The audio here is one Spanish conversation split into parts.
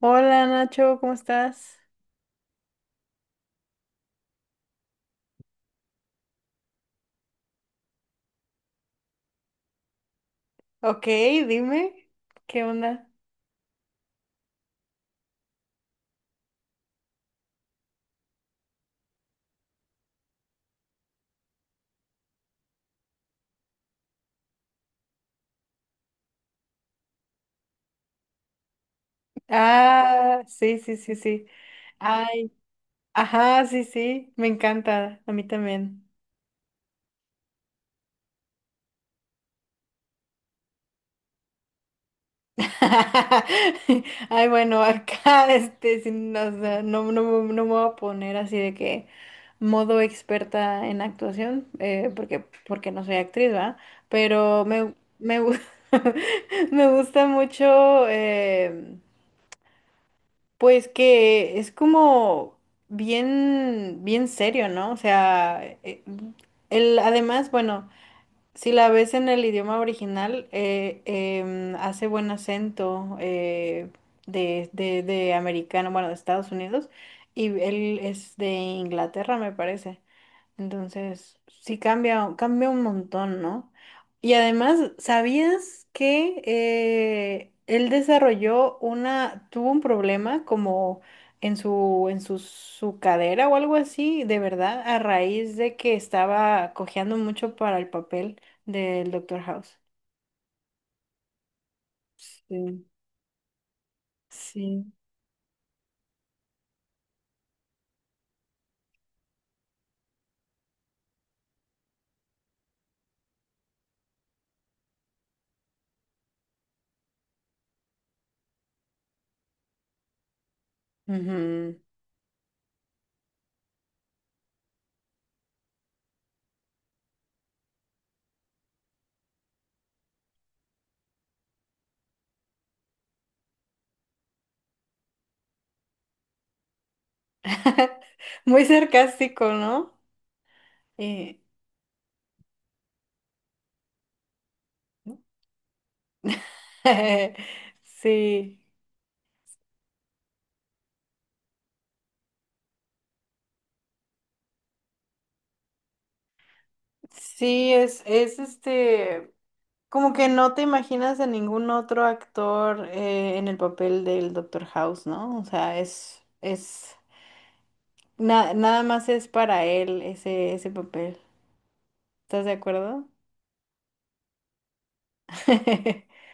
Hola Nacho, ¿cómo estás? Ok, dime, ¿qué onda? Ah, sí, sí, sí, sí. Ay, ajá, sí, sí, me encanta, a mí también. Ay, bueno, acá, o sea, no, no, no me voy a poner así de que modo experta en actuación, porque, no soy actriz, ¿va? Pero me gusta mucho, pues que es como bien, bien serio, ¿no? O sea, el, además, bueno, si la ves en el idioma original, hace buen acento de, de americano, bueno, de Estados Unidos, y él es de Inglaterra, me parece. Entonces, sí cambia, cambia un montón, ¿no? Y además, ¿sabías que él desarrolló una, tuvo un problema como en su, su cadera o algo así, de verdad, a raíz de que estaba cojeando mucho para el papel del Doctor House? Sí, sí. Ujú. Muy sarcástico, ¿no? Eh, sí, sí, es este. Como que no te imaginas a ningún otro actor en el papel del Doctor House, ¿no? O sea, es, nada más es para él ese, ese papel. ¿Estás de acuerdo?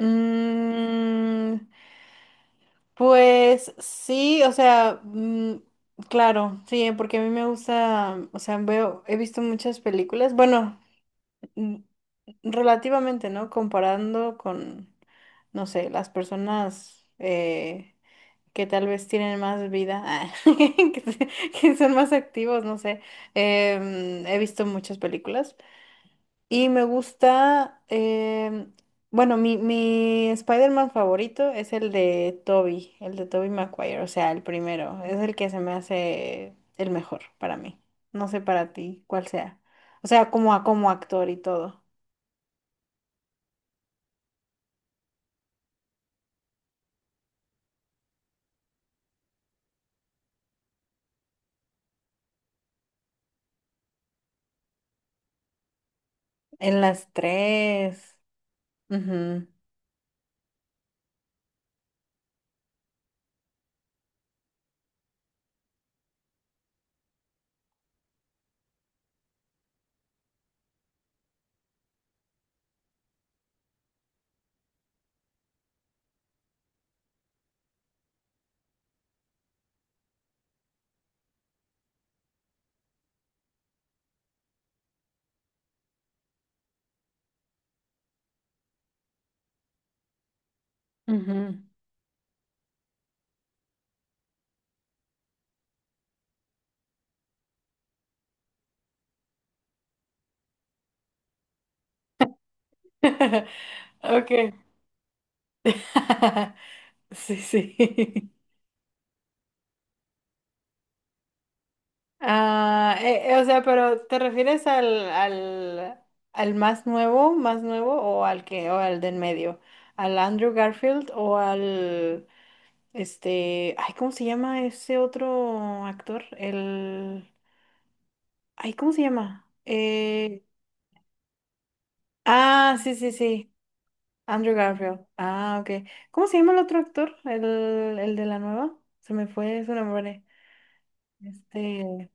Mm, pues sí, o sea, claro, sí, porque a mí me gusta, o sea, veo, he visto muchas películas, bueno, mm, relativamente, ¿no? Comparando con, no sé, las personas que tal vez tienen más vida, ah, que son más activos, no sé. He visto muchas películas y me gusta, bueno, mi Spider-Man favorito es el de Tobey Maguire, o sea, el primero, es el que se me hace el mejor para mí. No sé para ti cuál sea. O sea, como, como actor y todo. En las tres. Ujú, ujú. Ok. Sí, sí. Ah, o sea, pero ¿te refieres al, al más nuevo o al que, o al del medio? ¿Al Andrew Garfield o al, este, ay, ¿cómo se llama ese otro actor? El, ay, ¿cómo se llama? Ah, sí, sí, sí, Andrew Garfield. Ah, ok. ¿Cómo se llama el otro actor? El de la nueva. Se me fue su nombre. Este.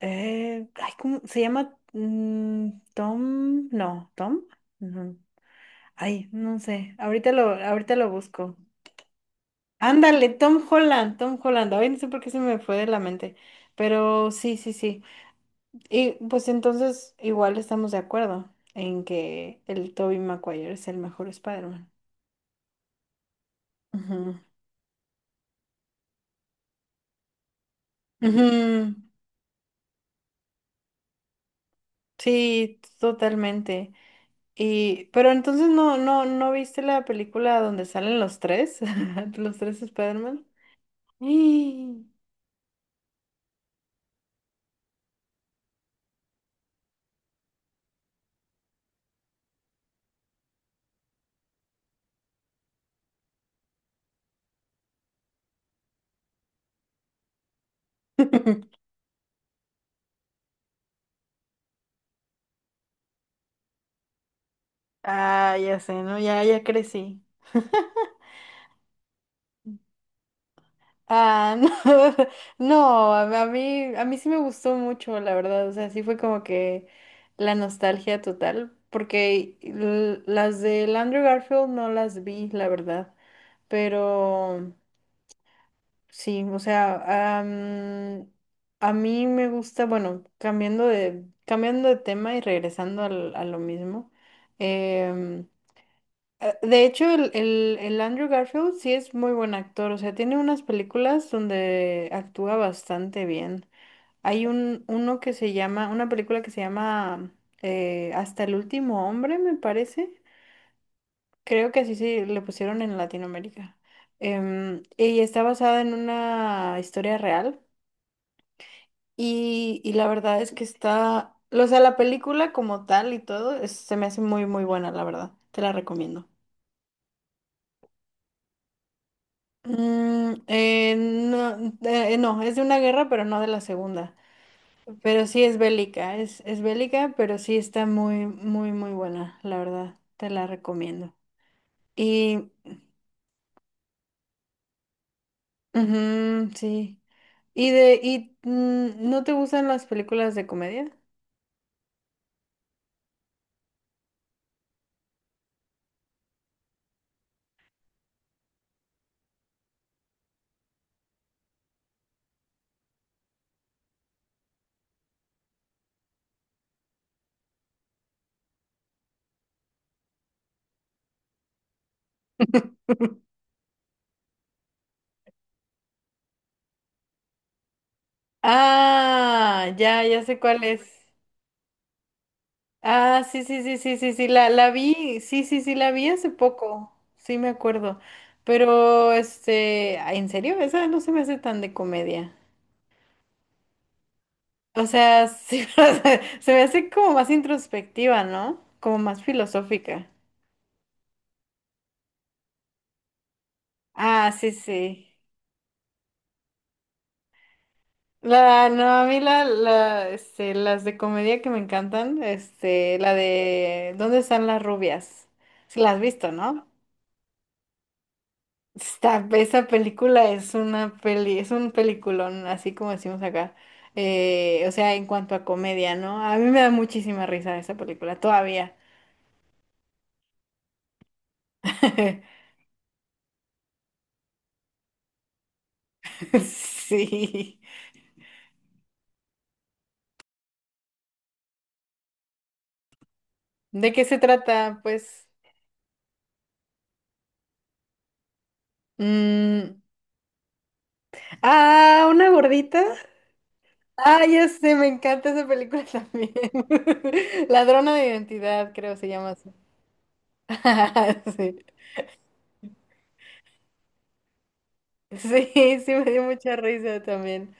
Ay, ¿cómo se llama? Tom, no, Tom. Ujú. Ay, no sé. Ahorita lo busco. Ándale, Tom Holland, Tom Holland. Ay, no sé por qué se me fue de la mente. Pero sí, sí, sí. Y pues entonces igual estamos de acuerdo en que el Tobey Maguire es el mejor Spider-Man. Ujú. Ujú. Sí, totalmente. Y, pero entonces no, no, no viste la película donde salen los tres, los tres Spider-Man. ¡Ih! Ah, ya sé, ¿no? Ya, ya crecí. Ah, no, no, a mí sí me gustó mucho, la verdad. O sea, sí fue como que la nostalgia total, porque las de Andrew Garfield no las vi, la verdad. Pero sí, o sea, a mí me gusta, bueno, cambiando de tema y regresando a lo mismo. em, de hecho, el Andrew Garfield sí es muy buen actor, o sea, tiene unas películas donde actúa bastante bien. Hay un, uno que se llama, una película que se llama Hasta el último hombre, me parece. Creo que así sí le pusieron en Latinoamérica. Em, y está basada en una historia real. Y la verdad es que está, o sea, la película como tal y todo, se me hace muy, muy buena, la verdad. Te la recomiendo. Mm, no, no, es de una guerra, pero no de la segunda. Pero sí es bélica, pero sí está muy, muy, muy buena, la verdad. Te la recomiendo. Y, ujú, sí. Y de, y, mm, ¿no te gustan las películas de comedia? Ah, ya, ya sé cuál es. Ah, sí, sí, sí, sí, sí, sí, la vi, sí, sí, sí, la vi hace poco, sí me acuerdo, pero este, ay, en serio, esa no se me hace tan de comedia, o sea, sí, o sea, se me hace como más introspectiva, ¿no? Como más filosófica. Ah, sí, sí. La, no, a mí la, este, las de comedia que me encantan, este, la de ¿Dónde están las rubias? Si la has visto, ¿no? Está, esa película es una peli, es un peliculón, así como decimos acá. O sea, en cuanto a comedia, ¿no? A mí me da muchísima risa esa película, todavía. Sí. ¿De qué se trata? Pues mm, ah, una gordita. Ah, ya sé, me encanta esa película también. Ladrona de identidad, creo se llama así. Sí, sí, sí, me dio mucha risa también.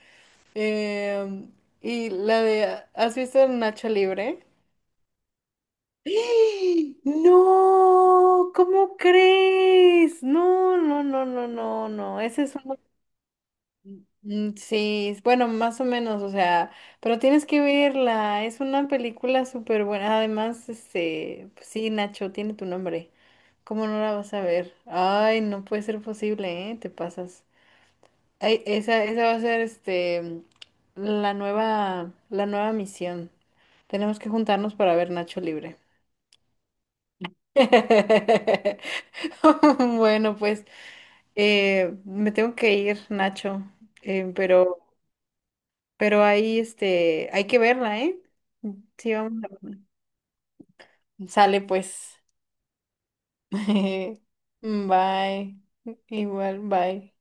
Eh, y la de, ¿has visto Nacho Libre? ¡Ah! No, ¿cómo crees? No, no, no, no, no, no. Ese es uno. Mm, sí, bueno, más o menos, o sea, pero tienes que verla. Es una película súper buena. Además, este, pues sí, Nacho, tiene tu nombre. ¿Cómo no la vas a ver? Ay, no puede ser posible, ¿eh? Te pasas. Ay, esa va a ser este la nueva misión. Tenemos que juntarnos para ver Nacho Libre. Bueno, pues me tengo que ir, Nacho. Eh, pero, pero ahí este, hay que verla, ¿eh? Sí, vamos a... Sale pues. Bye. Igual, bye.